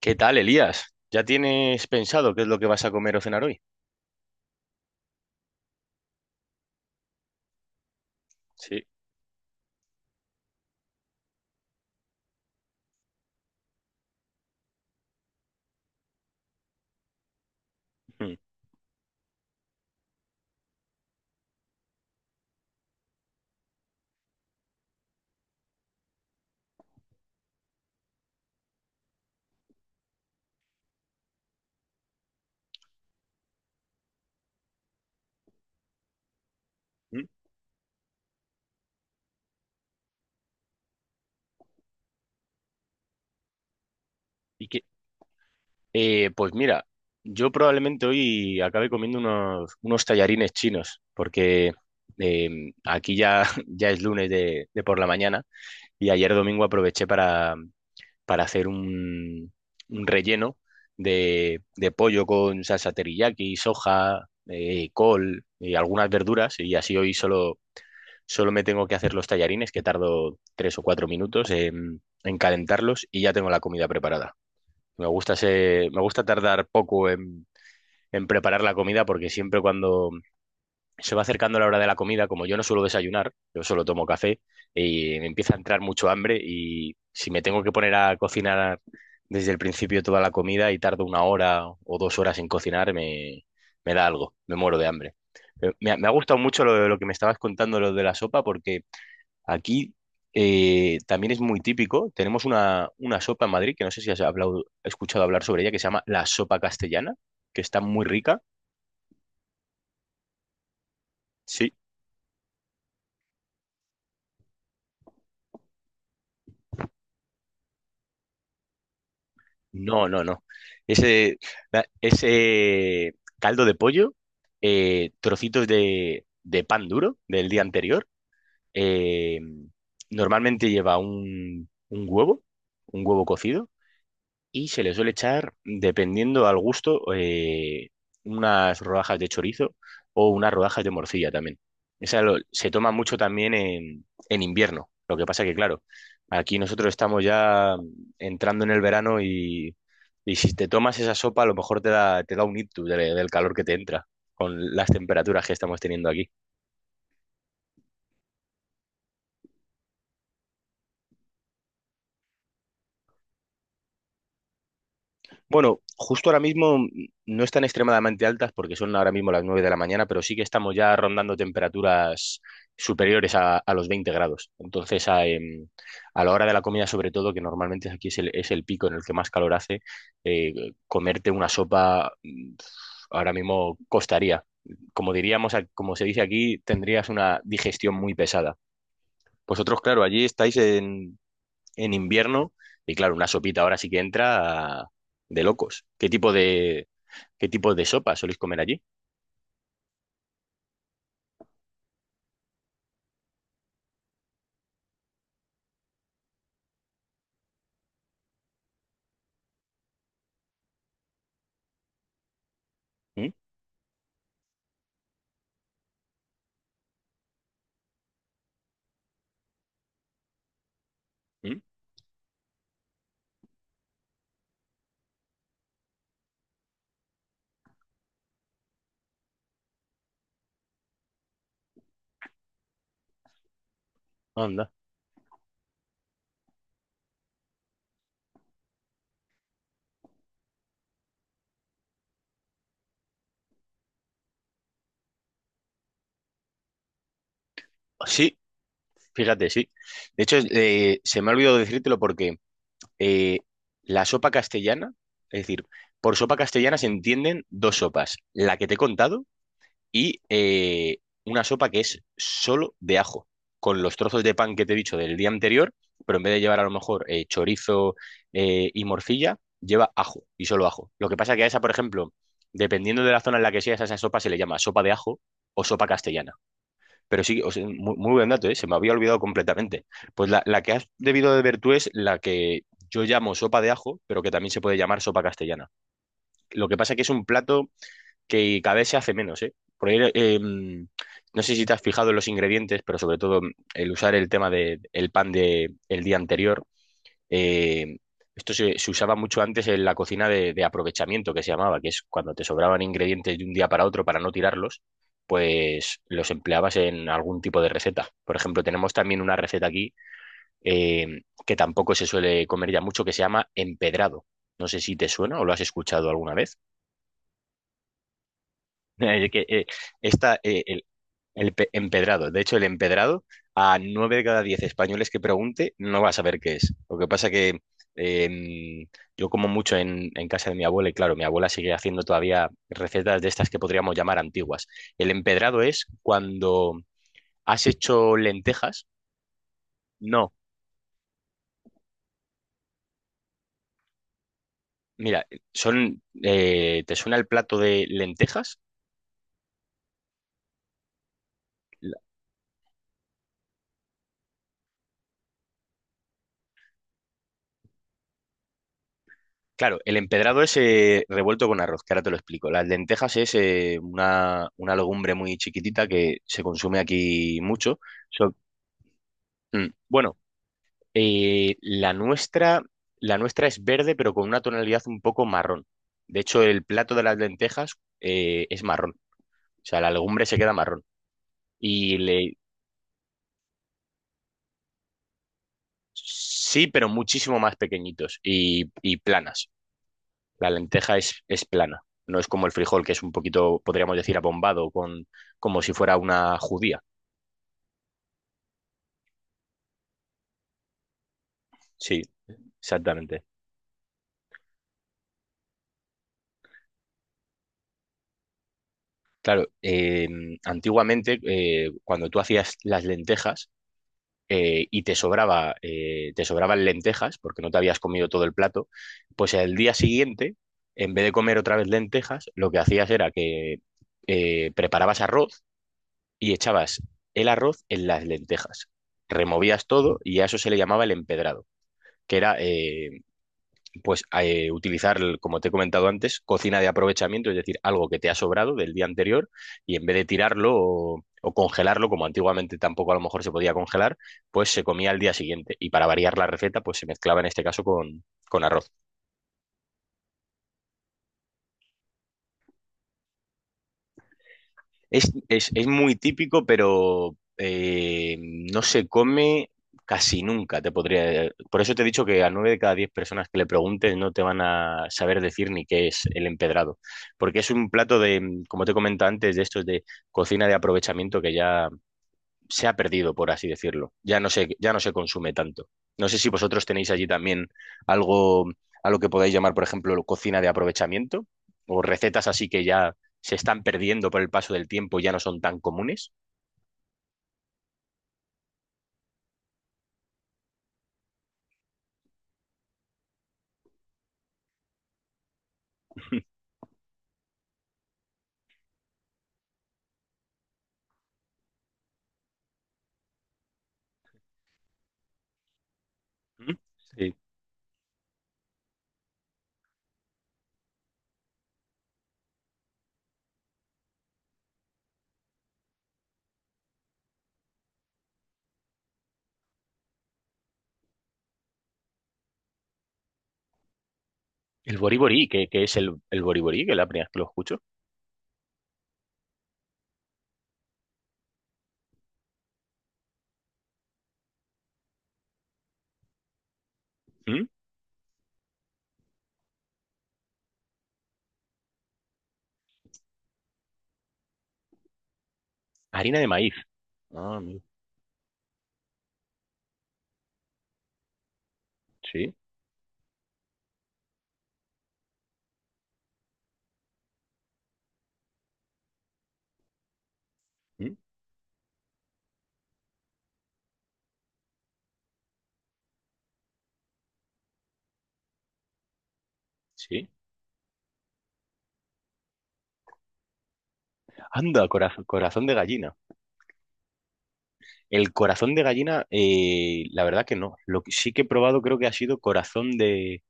¿Qué tal, Elías? ¿Ya tienes pensado qué es lo que vas a comer o cenar hoy? Sí. Mm, mm. ¿Y qué? Pues mira, yo probablemente hoy acabe comiendo unos tallarines chinos, porque eh, aquí ya, ya es lunes de por la mañana y ayer domingo aproveché para hacer un relleno de pollo con salsa teriyaki, soja, col y algunas verduras, y así hoy solo me tengo que hacer los tallarines, que tardo 3 o 4 minutos en calentarlos y ya tengo la comida preparada. Me gusta tardar poco en preparar la comida porque siempre, cuando se va acercando la hora de la comida, como yo no suelo desayunar, yo solo tomo café y me empieza a entrar mucho hambre, y si me tengo que poner a cocinar desde el principio toda la comida y tardo 1 hora o 2 horas en cocinar, me da algo, me muero de hambre. Pero me ha gustado mucho lo que me estabas contando, lo de la sopa, porque aquí también es muy típico. Tenemos una sopa en Madrid, que no sé si has escuchado hablar sobre ella, que se llama la sopa castellana, que está muy rica. Sí. No, no, no. Ese, ese caldo de pollo, trocitos de pan duro del día anterior. eh, Normalmente lleva un huevo, un huevo cocido, y se le suele echar, dependiendo al gusto, unas rodajas de chorizo o unas rodajas de morcilla también. Esa se toma mucho también en invierno. Lo que pasa, que claro, aquí nosotros estamos ya entrando en el verano, y si te tomas esa sopa, a lo mejor te da un ictus del calor que te entra con las temperaturas que estamos teniendo aquí. Bueno, justo ahora mismo no están extremadamente altas, porque son ahora mismo las 9 de la mañana, pero sí que estamos ya rondando temperaturas superiores a los 20 grados. Entonces, a la hora de la comida, sobre todo, que normalmente aquí es el pico en el que más calor hace, eh, comerte una sopa ahora mismo costaría. Como diríamos, como se dice aquí, tendrías una digestión muy pesada. Vosotros, claro, allí estáis en invierno, y claro, una sopita ahora sí que entra de locos. ¿Qué tipo de sopa soléis comer allí? ¿Mm? ¿Mm? Anda. Sí, fíjate, sí. De hecho, se me ha olvidado decírtelo, porque eh, la sopa castellana, es decir, por sopa castellana se entienden dos sopas: la que te he contado, y una sopa que es solo de ajo, con los trozos de pan que te he dicho del día anterior, pero en vez de llevar a lo mejor chorizo y morcilla, lleva ajo y solo ajo. Lo que pasa, que a esa, por ejemplo, dependiendo de la zona en la que seas, a esa sopa se le llama sopa de ajo o sopa castellana. Pero sí, o sea, muy, muy buen dato, ¿eh? Se me había olvidado completamente. Pues la que has debido de ver tú es la que yo llamo sopa de ajo, pero que también se puede llamar sopa castellana. Lo que pasa, que es un plato que cada vez se hace menos, ¿eh? Porque, no sé si te has fijado en los ingredientes, pero sobre todo el usar el tema del pan el día anterior. eh, Esto se usaba mucho antes en la cocina de aprovechamiento, que se llamaba, que es cuando te sobraban ingredientes de un día para otro para no tirarlos, pues los empleabas en algún tipo de receta. Por ejemplo, tenemos también una receta aquí eh, que tampoco se suele comer ya mucho, que se llama empedrado. No sé si te suena o lo has escuchado alguna vez. Es que, esta, el pe- empedrado. De hecho, el empedrado, a 9 de cada 10 españoles que pregunte, no va a saber qué es. Lo que pasa, que em, yo como mucho en casa de mi abuela, y claro, mi abuela sigue haciendo todavía recetas de estas que podríamos llamar antiguas. El empedrado es cuando has hecho lentejas. No, mira, son, ¿te suena el plato de lentejas? Claro, el empedrado es, revuelto con arroz, que ahora te lo explico. Las lentejas es, una legumbre muy chiquitita que se consume aquí mucho. So- bueno, eh, la nuestra, la nuestra es verde, pero con una tonalidad un poco marrón. De hecho, el plato de las lentejas, es marrón. O sea, la legumbre se queda marrón. Y le, sí, pero muchísimo más pequeñitos y planas. La lenteja es plana, no es como el frijol, que es un poquito, podríamos decir, abombado, con, como si fuera una judía. Sí, exactamente. Claro, antiguamente, cuando tú hacías las lentejas, y te sobraban lentejas, porque no te habías comido todo el plato, pues al día siguiente, en vez de comer otra vez lentejas, lo que hacías era que preparabas arroz y echabas el arroz en las lentejas. Removías todo y a eso se le llamaba el empedrado. Que era, pues utilizar, como te he comentado antes, cocina de aprovechamiento, es decir, algo que te ha sobrado del día anterior, y en vez de tirarlo o congelarlo, como antiguamente tampoco a lo mejor se podía congelar, pues se comía al día siguiente, y para variar la receta, pues se mezclaba en este caso con arroz. Es muy típico, pero no se come casi nunca, te podría. Por eso te he dicho que a 9 de cada 10 personas que le preguntes no te van a saber decir ni qué es el empedrado. Porque es un plato de, como te comentaba antes, de estos de cocina de aprovechamiento, que ya se ha perdido, por así decirlo. Ya no se consume tanto. No sé si vosotros tenéis allí también algo a lo que podáis llamar, por ejemplo, cocina de aprovechamiento, o recetas así que ya se están perdiendo por el paso del tiempo, ya no son tan comunes. ¿Mm? Sí. El boriborí, ¿qué es el boriborí? Que es la primera vez que lo escucho. ¿Mm? Harina de maíz. Ah, amigo. Sí. ¿Mm? Sí. Anda, corazón, corazón de gallina. El corazón de gallina, la verdad que no. Lo que sí que he probado creo que ha sido corazón de,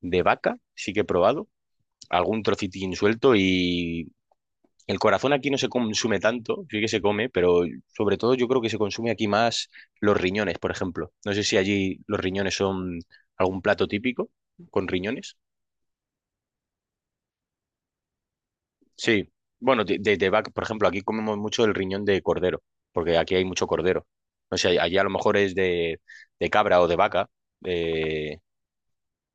de vaca, sí que he probado algún trocitín suelto, y el corazón aquí no se consume tanto, sí que se come, pero sobre todo yo creo que se consume aquí más los riñones, por ejemplo. No sé si allí los riñones son algún plato típico con riñones. Sí, bueno, de vaca, por ejemplo, aquí comemos mucho el riñón de cordero, porque aquí hay mucho cordero. No sé, allí a lo mejor es de cabra o de vaca, eh,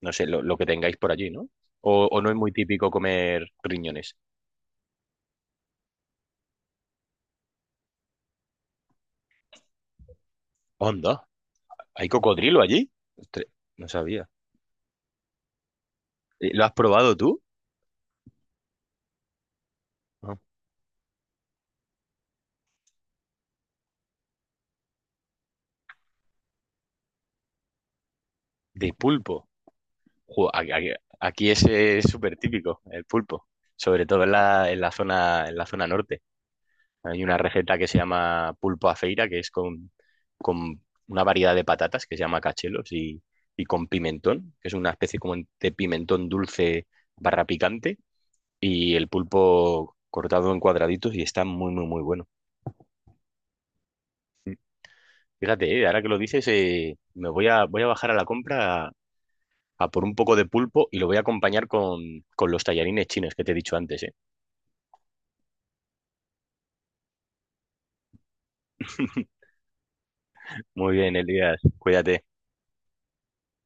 no sé, lo que tengáis por allí, ¿no? O o no es muy típico comer riñones. Onda. ¿Hay cocodrilo allí? Ostres, no sabía. ¿Lo has probado tú? No. De pulpo. Jo, aquí ese es súper típico, el pulpo. Sobre todo en la zona norte. Hay una receta que se llama pulpo a feira, que es con una variedad de patatas que se llama cachelos, y con pimentón, que es una especie como de pimentón dulce barra picante, y el pulpo cortado en cuadraditos, y está muy, muy, muy bueno. Fíjate, ahora que lo dices, me voy a bajar a la compra a por un poco de pulpo, y lo voy a acompañar con los tallarines chinos que te he dicho antes. Muy bien, Elías, cuídate.